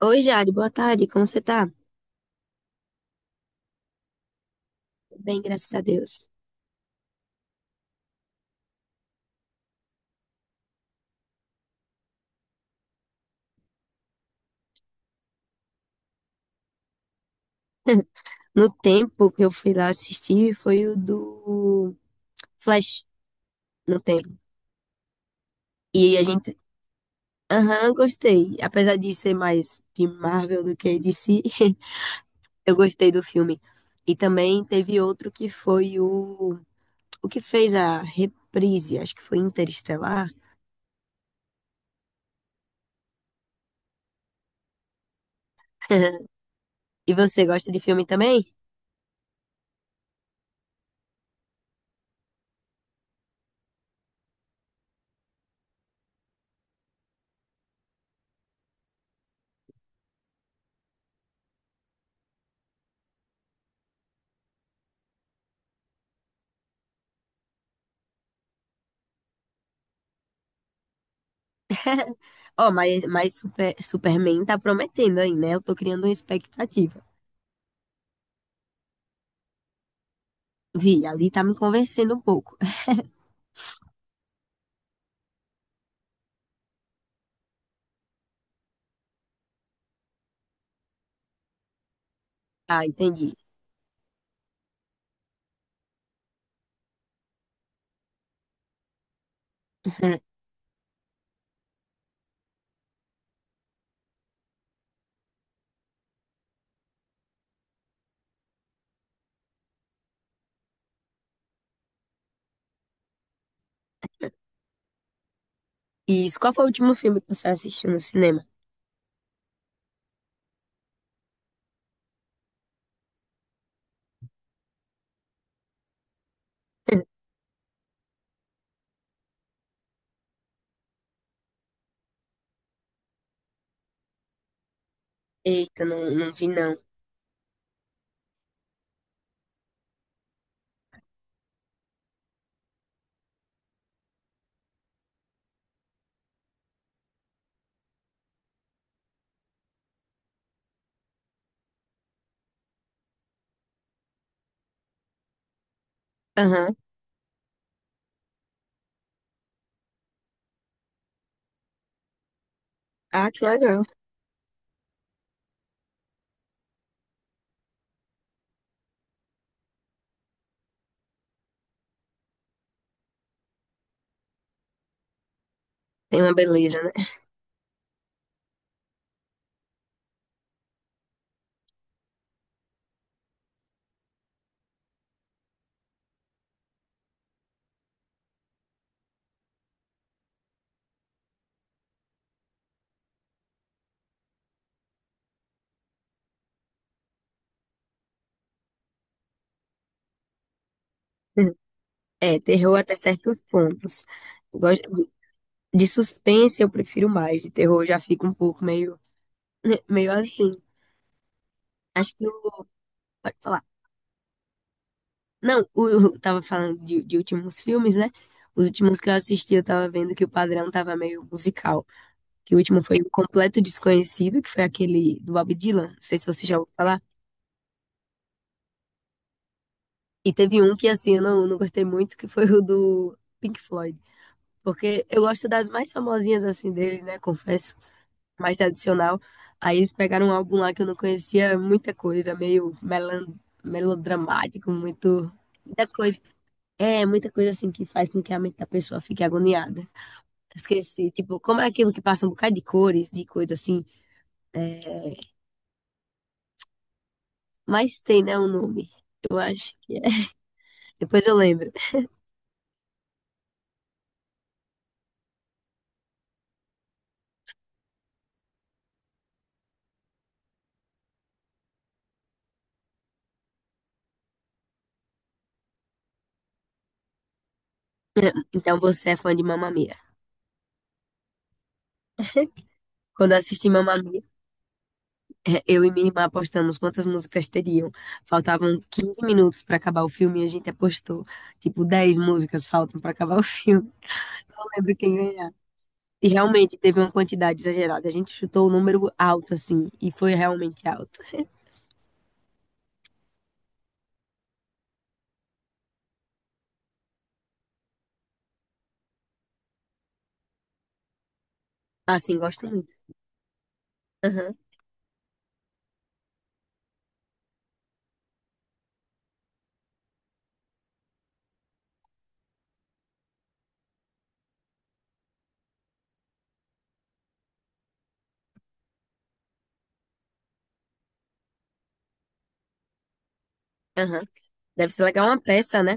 Oi, Jade, boa tarde, como você tá? Bem, graças a Deus. No tempo que eu fui lá assistir foi o do Flash, no tempo. E a gente, aham, gostei. Apesar de ser mais de Marvel do que de DC, eu gostei do filme. E também teve outro que foi o que fez a reprise, acho que foi Interestelar. E você gosta de filme também? Ó, mas Super- Superman tá prometendo aí, né? Eu tô criando uma expectativa. Vi, ali tá me convencendo um pouco. Ah, entendi. E isso, qual foi o último filme que você assistiu no cinema? Eita, não vi não. Aham. Ah, que legal. Tem uma beleza, né? Hum. É, terror até certos pontos. Gosto de suspense eu prefiro mais, de terror eu já fica um pouco meio, meio assim. Acho que o- pode falar. Não, o- eu tava falando de últimos filmes, né? Os últimos que eu assisti, eu tava vendo que o padrão tava meio musical. Que o último foi o Completo Desconhecido, que foi aquele do Bob Dylan, não sei se você já ouviu falar. E teve um que, assim, eu não gostei muito, que foi o do Pink Floyd, porque eu gosto das mais famosinhas, assim, deles, né, confesso, mais tradicional. Aí eles pegaram um álbum lá que eu não conhecia muita coisa, meio melan melodramático, muito... Muita coisa, é, muita coisa assim que faz com que a mente da pessoa fique agoniada. Esqueci, tipo, como é aquilo que passa um bocado de cores, de coisa assim, é. Mas tem, né, um nome. Eu acho que é. Depois eu lembro. Então você é fã de Mamma Mia. Quando eu assisti Mamma Mia, eu e minha irmã apostamos quantas músicas teriam. Faltavam 15 minutos pra acabar o filme e a gente apostou. Tipo, 10 músicas faltam pra acabar o filme. Não lembro quem ganhar. E realmente teve uma quantidade exagerada. A gente chutou o número alto, assim, e foi realmente alto. Assim, gosto muito. Aham. Aham. Deve ser legal uma peça, né?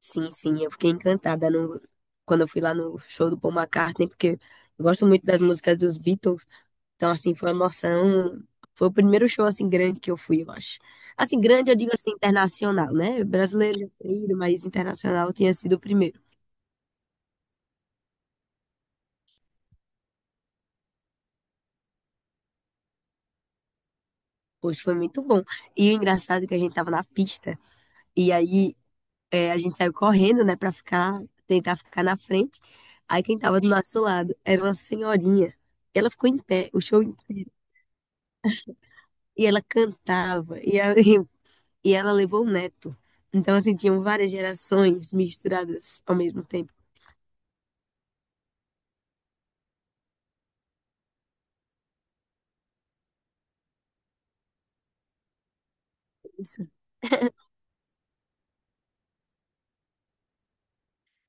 Sim, sim, eu fiquei encantada no... quando eu fui lá no show do Paul McCartney, porque eu gosto muito das músicas dos Beatles, então, assim, foi uma emoção. Foi o primeiro show, assim, grande que eu fui, eu acho. Assim, grande, eu digo assim, internacional, né? Brasileiro já tinha ido, mas internacional tinha sido o primeiro. Poxa, foi muito bom. E o engraçado é que a gente tava na pista, e aí é, a gente saiu correndo, né, pra ficar, tentar ficar na frente. Aí quem tava do nosso lado era uma senhorinha. E ela ficou em pé o show inteiro. E ela cantava, e, a- e ela levou o neto. Então, assim, tinham várias gerações misturadas ao mesmo tempo. Isso.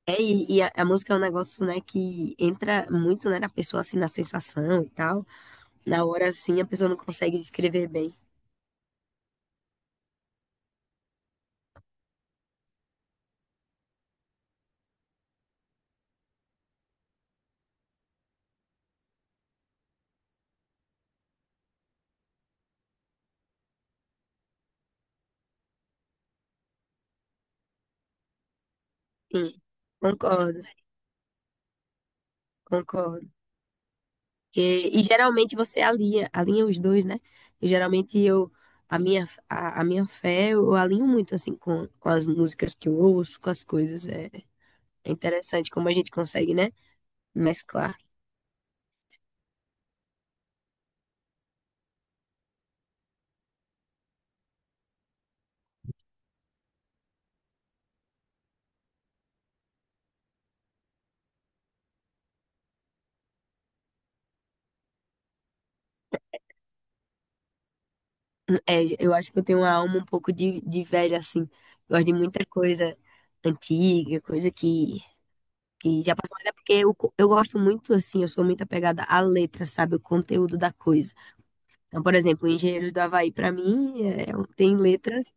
É, e a música é um negócio, né, que entra muito, né, na pessoa, assim, na sensação e tal. Na hora, assim, a pessoa não consegue descrever bem. Sim, concordo. Concordo. Porque- E, geralmente você alinha, alinha os dois, né? E geralmente eu, a minha fé, eu alinho muito assim com as músicas que eu ouço, com as coisas. É, é interessante como a gente consegue, né? Mesclar. É, eu acho que eu tenho uma alma um pouco de velha, assim. Gosto de muita coisa antiga, coisa que já passou. Mas é porque eu, co- eu gosto muito, assim, eu sou muito apegada à letra, sabe? O conteúdo da coisa. Então, por exemplo, Engenheiros do Havaí, pra mim, é, tem letras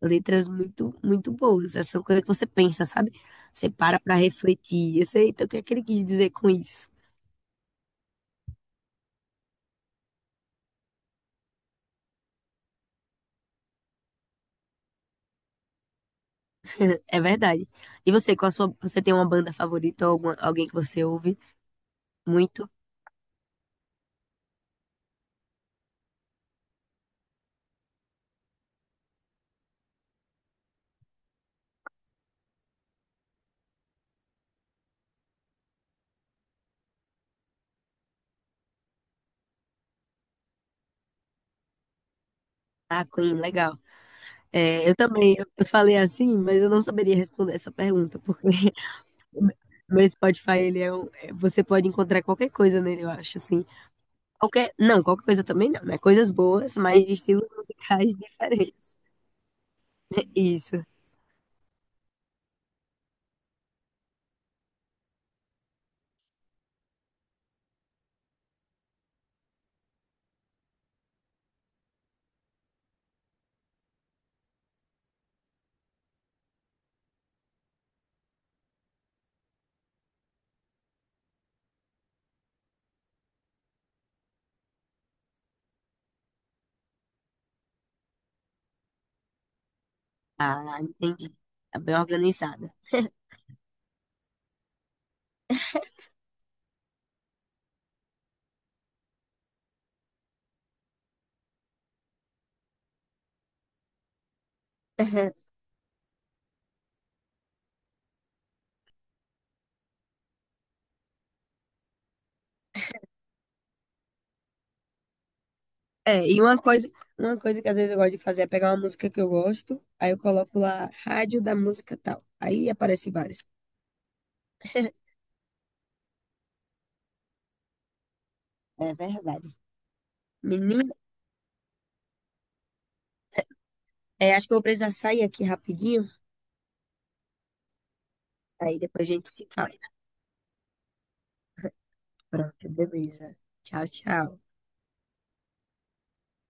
letras muito, muito boas. Essas são coisas que você pensa, sabe? Você para pra refletir. Eu sei, então, o que é que ele quis dizer com isso? É verdade. E você, qual a sua, você tem uma banda favorita ou alguma- alguém que você ouve muito? Ah, Queen, legal. É, eu também, eu falei assim, mas eu não saberia responder essa pergunta, porque meu Spotify, ele é um, é- você pode encontrar qualquer coisa nele, eu acho, assim. Qualquer, não, qualquer coisa também não, né? Coisas boas, mas de estilos musicais diferentes. Isso. Ah, entendi. Tá bem organizada. É, e uma coisa que às vezes eu gosto de fazer é pegar uma música que eu gosto, aí eu coloco lá rádio da música tal. Aí aparece várias. É verdade. Menina, é, acho que eu vou precisar sair aqui rapidinho, aí depois a gente se fala. Pronto, beleza. Tchau, tchau.